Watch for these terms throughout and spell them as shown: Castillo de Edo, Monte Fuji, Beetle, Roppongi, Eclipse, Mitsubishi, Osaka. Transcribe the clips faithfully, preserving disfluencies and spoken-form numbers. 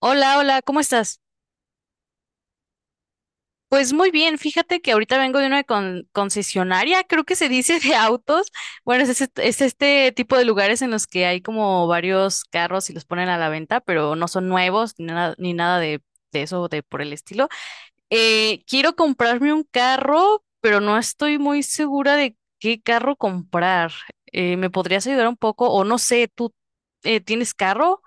Hola, hola, ¿cómo estás? Pues muy bien, fíjate que ahorita vengo de una con- concesionaria, creo que se dice de autos. Bueno, es, ese- es este tipo de lugares en los que hay como varios carros y los ponen a la venta, pero no son nuevos ni nada, ni nada de, de eso, de por el estilo. Eh, quiero comprarme un carro, pero no estoy muy segura de qué carro comprar. Eh, ¿me podrías ayudar un poco? O no sé, ¿tú eh, tienes carro?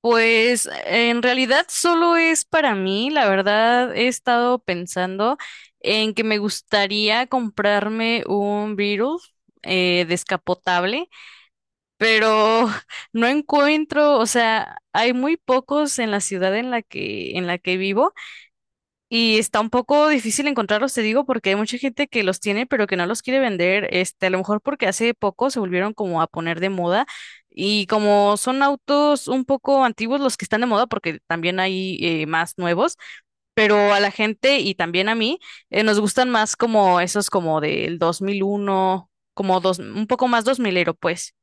Pues en realidad solo es para mí, la verdad he estado pensando en que me gustaría comprarme un Beetle eh, descapotable, pero no encuentro, o sea, hay muy pocos en la ciudad en la que en la que vivo y está un poco difícil encontrarlos, te digo, porque hay mucha gente que los tiene, pero que no los quiere vender. Este, a lo mejor porque hace poco se volvieron como a poner de moda. Y como son autos un poco antiguos los que están de moda, porque también hay eh, más nuevos, pero a la gente y también a mí eh, nos gustan más como esos como del dos mil uno como dos, un poco más dos milero pues.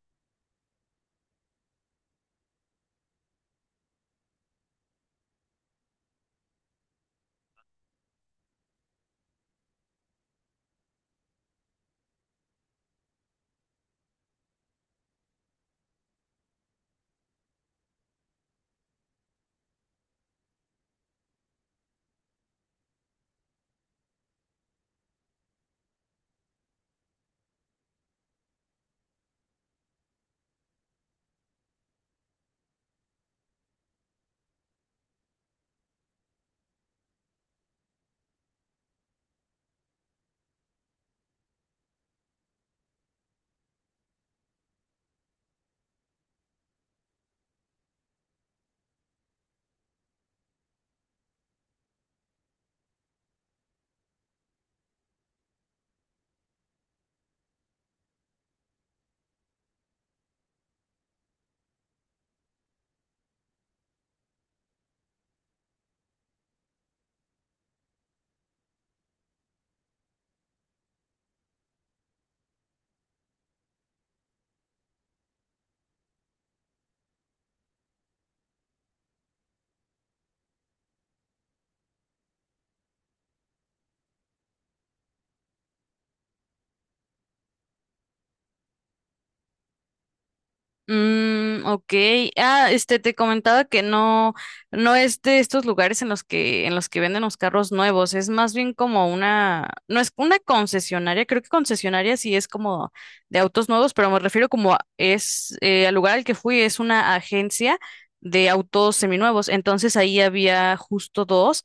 Mm, ok. Ah, este, te comentaba que no, no es de estos lugares en los que, en los que venden los carros nuevos. Es más bien como una, no es una concesionaria. Creo que concesionaria sí es como de autos nuevos, pero me refiero como a- es, eh, al lugar al que fui es una agencia de autos seminuevos. Entonces ahí había justo dos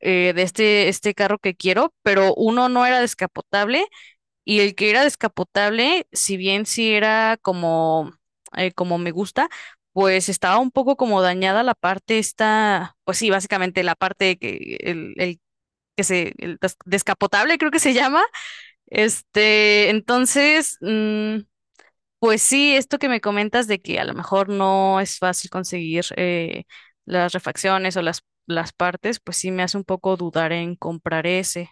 eh, de este, este carro que quiero, pero uno no era descapotable y el que era descapotable, si bien sí era como, eh, como me gusta, pues estaba un poco como dañada la parte esta, pues sí, básicamente la parte que el, el que se, el des- descapotable creo que se llama. Este, entonces, mm, pues sí, esto que me comentas de que a lo mejor no es fácil conseguir eh, las refacciones o las, las partes, pues sí me hace un poco dudar en comprar ese.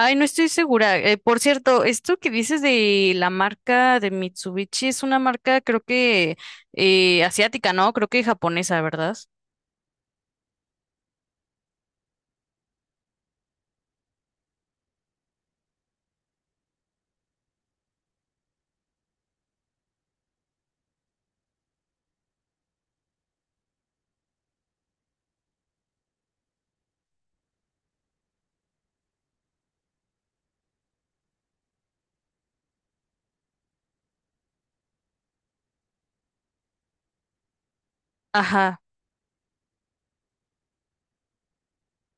Ay, no estoy segura. Eh, por cierto, esto que dices de la marca de Mitsubishi es una marca, creo que eh, asiática, ¿no? Creo que japonesa, ¿verdad? Ajá.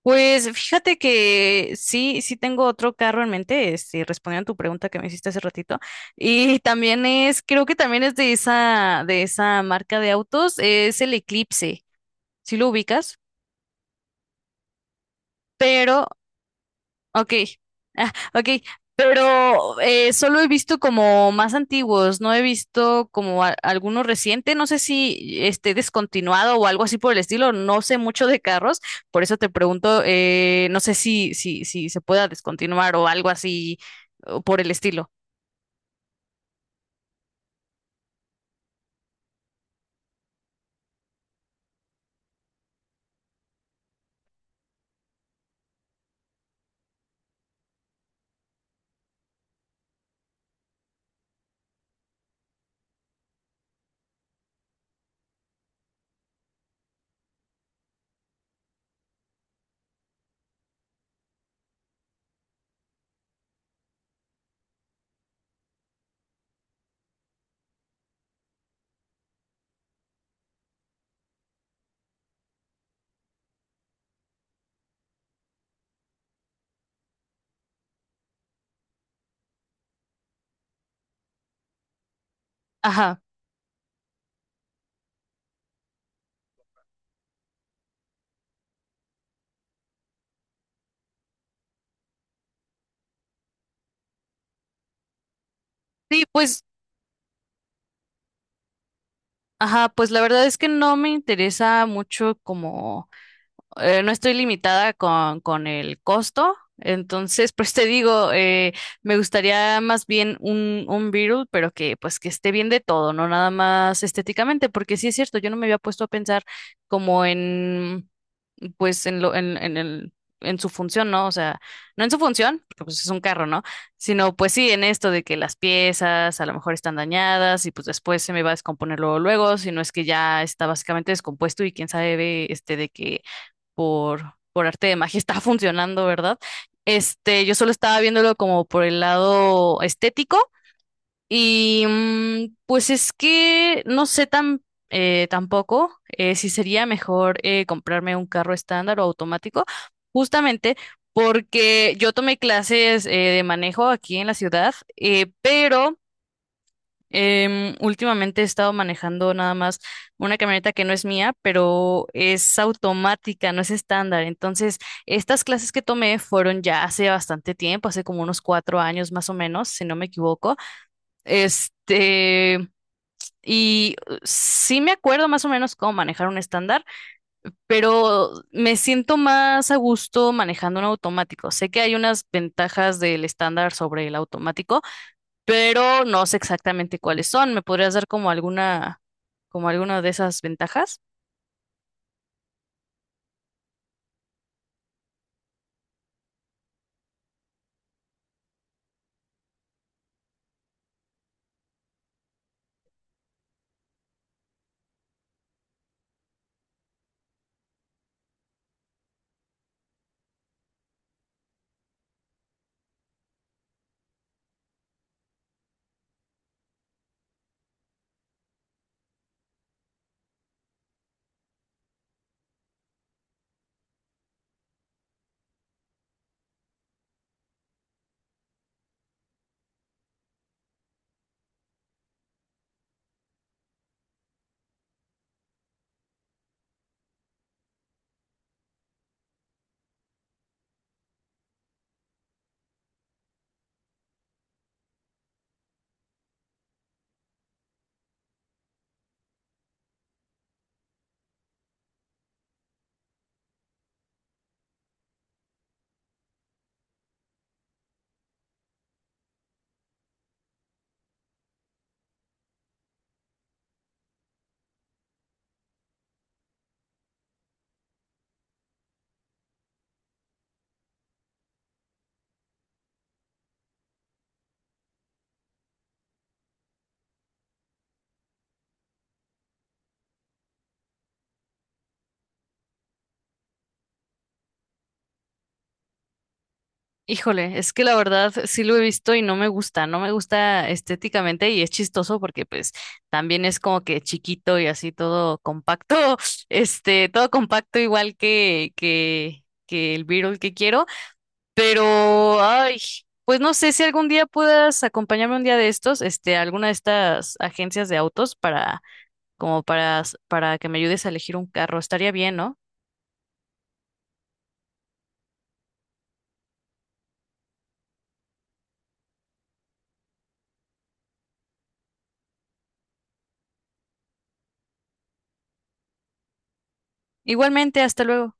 Pues fíjate que sí, sí tengo otro carro en mente, este, respondiendo a tu pregunta que me hiciste hace ratito. Y también es, creo que también es de esa, de esa marca de autos, es el Eclipse. ¿Sí lo ubicas? Pero ok, ah, ok, pero eh, solo he visto como más antiguos, no he visto como a- alguno reciente, no sé si esté descontinuado o algo así por el estilo, no sé mucho de carros, por eso te pregunto, eh, no sé si, si, si se pueda descontinuar o algo así o por el estilo. Ajá, sí, pues, ajá, pues la verdad es que no me interesa mucho como... eh, no estoy limitada con, con el costo. Entonces, pues te digo, eh, me gustaría más bien un, un Beatle, pero que pues que esté bien de todo, no nada más estéticamente, porque sí es cierto, yo no me había puesto a pensar como en, pues en lo, en, en el, en su función, ¿no? O sea, no en su función, porque pues es un carro, ¿no? Sino pues sí en esto de que las piezas a lo mejor están dañadas y pues después se me va a descomponer luego, luego, si no es que ya está básicamente descompuesto y quién sabe este de que por, por arte de magia está funcionando, ¿verdad? Este, yo solo estaba viéndolo como por el lado estético y mm, pues es que no sé tan eh, tampoco eh, si sería mejor eh, comprarme un carro estándar o automático, justamente porque yo tomé clases eh, de manejo aquí en la ciudad, eh, pero Em, últimamente he estado manejando nada más una camioneta que no es mía, pero es automática, no es estándar. Entonces, estas clases que tomé fueron ya hace bastante tiempo, hace como unos cuatro años más o menos, si no me equivoco. Este, y uh, sí me acuerdo más o menos cómo manejar un estándar, pero me siento más a gusto manejando un automático. Sé que hay unas ventajas del estándar sobre el automático, pero no sé exactamente cuáles son. ¿Me podrías dar como alguna, como alguna de esas ventajas? Híjole, es que la verdad sí lo he visto y no me gusta, no me gusta estéticamente y es chistoso porque pues también es como que chiquito y así todo compacto, este, todo compacto igual que, que, que el Beetle que quiero, pero ay, pues no sé si algún día puedas acompañarme un día de estos, este, a alguna de estas agencias de autos para como para, para que me ayudes a elegir un carro. Estaría bien, ¿no? Igualmente, hasta luego.